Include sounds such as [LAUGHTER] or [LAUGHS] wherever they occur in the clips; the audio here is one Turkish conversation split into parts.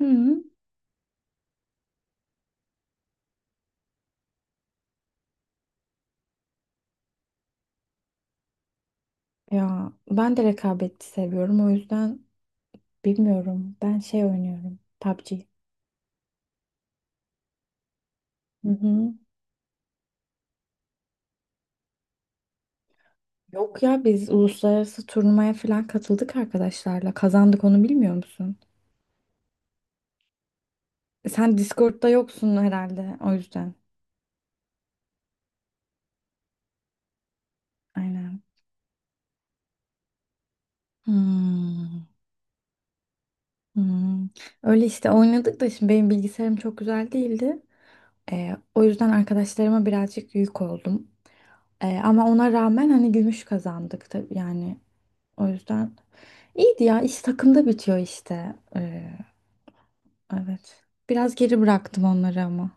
Hı. Ya ben de rekabeti seviyorum o yüzden bilmiyorum. Ben şey oynuyorum. PUBG. Hı hı. Yok ya biz uluslararası turnuvaya falan katıldık arkadaşlarla. Kazandık onu bilmiyor musun? Sen Discord'da yoksun herhalde o yüzden. Aynen. Hmm. Hmm. Öyle işte oynadık da şimdi benim bilgisayarım çok güzel değildi. O yüzden arkadaşlarıma birazcık yük oldum. Ama ona rağmen hani gümüş kazandık tabii yani. O yüzden iyiydi ya. İş takımda bitiyor işte. Evet. Biraz geri bıraktım onları ama.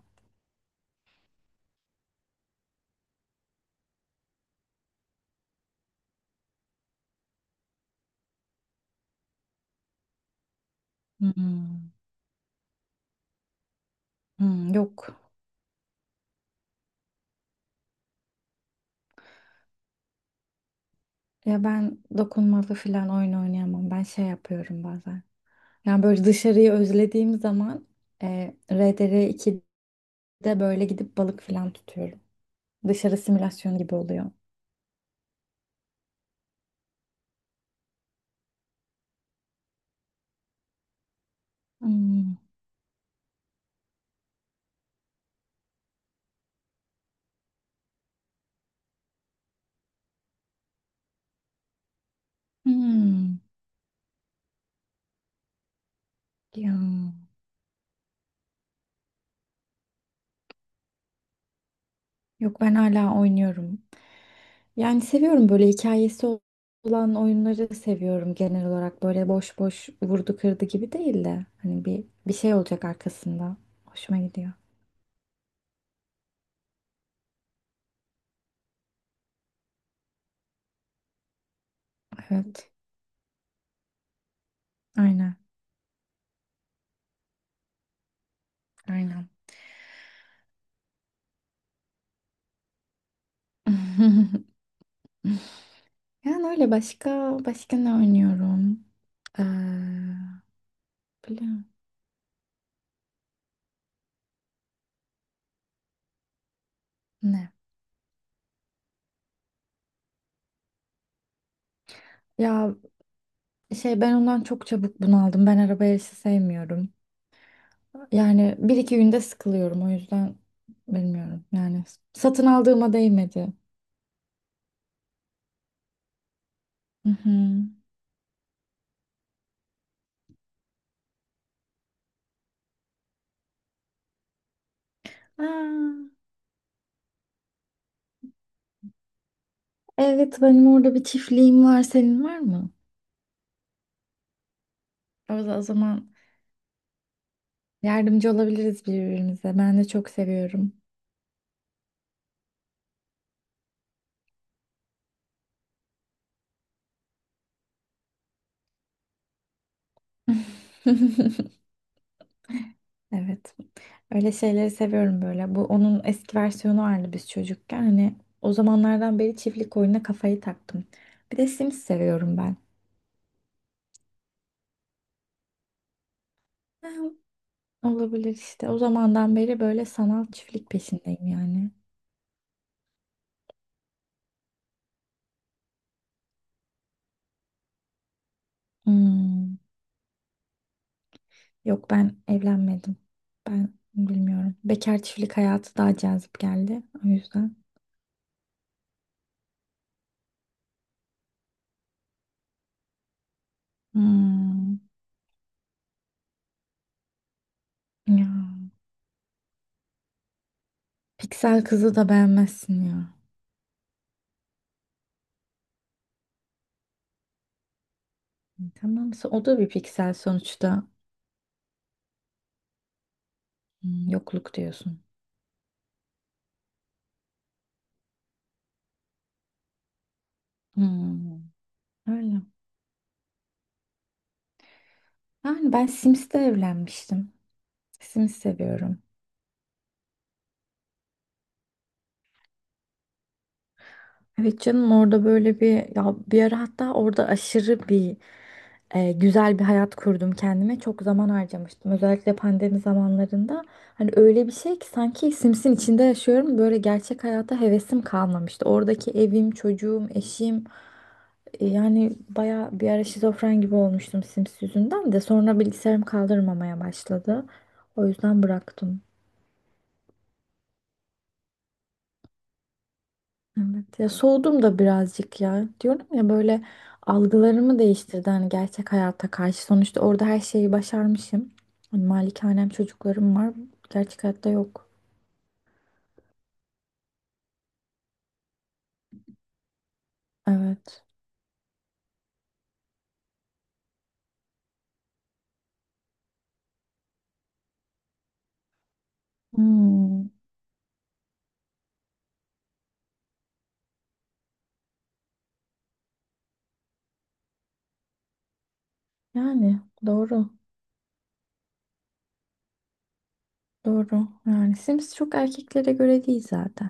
Hmm. Hmm, yok. Ya ben dokunmalı falan oyun oynayamam. Ben şey yapıyorum bazen. Yani böyle dışarıyı özlediğim zaman RDR 2'de böyle gidip balık falan tutuyorum. Dışarı simülasyon gibi oluyor. Hmm. Hmm. Ya. Yok ben hala oynuyorum. Yani seviyorum böyle hikayesi olan oyunları seviyorum genel olarak. Böyle boş boş vurdu kırdı gibi değil de hani bir şey olacak arkasında. Hoşuma gidiyor. Evet. Aynen. Aynen. [LAUGHS] Yani öyle başka başka ne oynuyorum? Ee, biliyorum. Ne? Ya şey ben ondan çok çabuk bunaldım. Ben araba yarışı sevmiyorum. Yani bir iki günde sıkılıyorum o yüzden bilmiyorum. Yani satın aldığıma değmedi. Hı hı. Aa, evet benim orada bir çiftliğim var. Senin var mı? O zaman yardımcı olabiliriz birbirimize. Ben de çok seviyorum. [LAUGHS] Evet. Öyle şeyleri seviyorum böyle. Bu onun eski versiyonu vardı biz çocukken. Hani o zamanlardan beri çiftlik oyununa kafayı taktım. Bir de Sims seviyorum ben. Ha, olabilir işte. O zamandan beri böyle sanal çiftlik peşindeyim yani. Hmm. Yok ben evlenmedim. Ben bilmiyorum. Bekar çiftlik hayatı daha cazip geldi. O yüzden. Hmm. Ya. Piksel kızı da beğenmezsin ya. Tamam. O da bir piksel sonuçta. Hmm, yokluk diyorsun. Hmm. Öyle. Yani ben Sims'te evlenmiştim. Sims seviyorum. Evet canım orada böyle bir ya bir ara hatta orada aşırı bir güzel bir hayat kurdum kendime. Çok zaman harcamıştım. Özellikle pandemi zamanlarında. Hani öyle bir şey ki sanki Sims'in içinde yaşıyorum. Böyle gerçek hayata hevesim kalmamıştı. Oradaki evim, çocuğum, eşim yani baya bir ara şizofren gibi olmuştum Sims yüzünden de sonra bilgisayarım kaldırmamaya başladı. O yüzden bıraktım. Evet ya soğudum da birazcık ya. Diyorum ya böyle algılarımı değiştirdi hani gerçek hayata karşı. Sonuçta orada her şeyi başarmışım. Hani malikanem çocuklarım var. Gerçek hayatta yok. Evet. Hmm, yani doğru. Doğru. Yani Sims çok erkeklere göre değil zaten.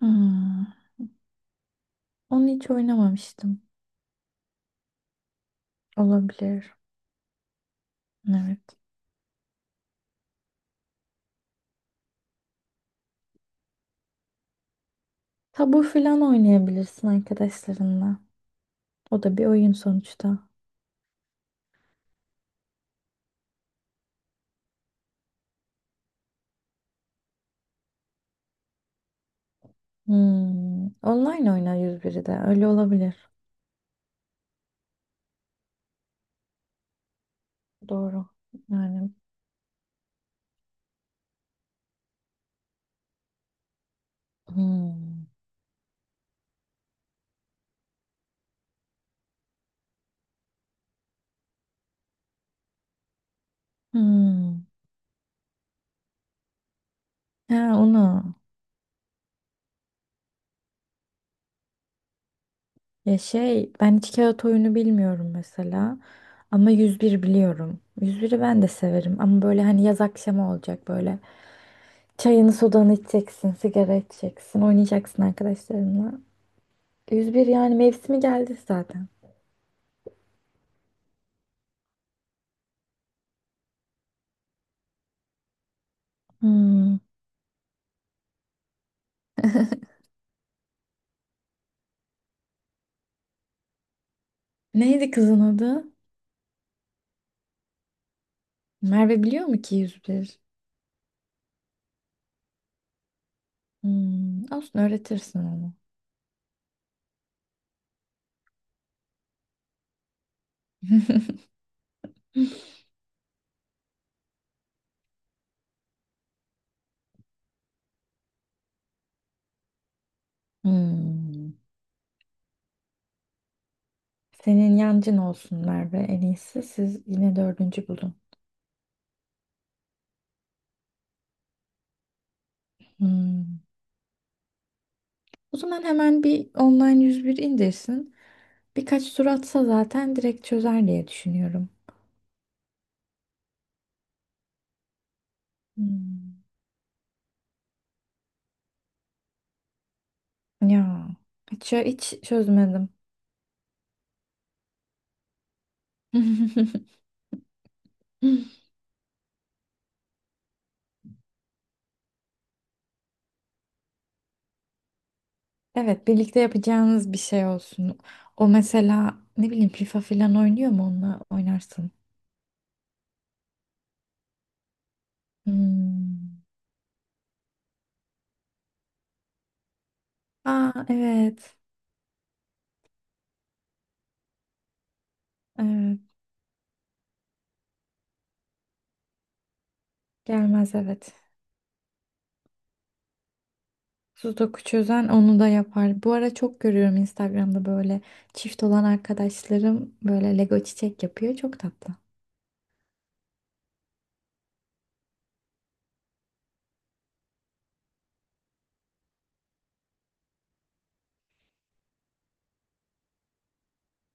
Hmm, onu hiç oynamamıştım. Olabilir. Evet. Tabu filan oynayabilirsin arkadaşlarınla. O da bir oyun sonuçta. Hmm, online oynar 101'i de. Öyle olabilir. Doğru. Yani. Hmm. Hmm. Ha, onu. Ya şey ben hiç kağıt oyunu bilmiyorum mesela. Ama 101 biliyorum. 101'i ben de severim. Ama böyle hani yaz akşamı olacak böyle. Çayını sodanı içeceksin. Sigara içeceksin. Oynayacaksın arkadaşlarınla. 101 yani mevsimi geldi zaten. Hmm. Neydi kızın adı? Merve biliyor mu ki 101? Hmm. Olsun öğretirsin onu. [LAUGHS] Hmm. Senin yancın olsunlar ve en iyisi siz yine dördüncü bulun. Hmm. O zaman hemen bir online 101 indirsin. Birkaç tur atsa zaten direkt çözer diye düşünüyorum. Hmm. Ya hiç, hiç çözmedim. [LAUGHS] Evet birlikte yapacağınız bir şey olsun. O mesela ne bileyim FIFA falan oynuyor mu onunla oynarsın. Hmm. Aa evet. Evet. Gelmez evet. Sudoku çözen onu da yapar. Bu ara çok görüyorum Instagram'da böyle çift olan arkadaşlarım böyle Lego çiçek yapıyor. Çok tatlı.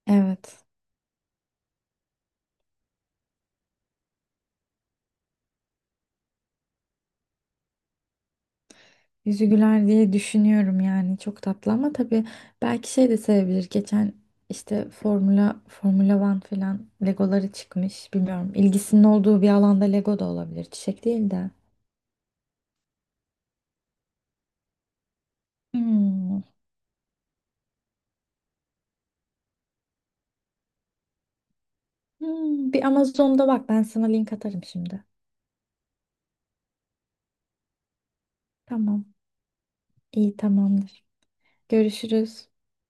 Evet. Yüzü güler diye düşünüyorum yani. Çok tatlı ama tabii belki şey de sevebilir. Geçen işte Formula One falan Legoları çıkmış. Bilmiyorum. İlgisinin olduğu bir alanda Lego da olabilir. Çiçek değil de. Hmm. Hmm. Bir Amazon'da bak ben sana link atarım şimdi. Tamam. İyi tamamdır. Görüşürüz.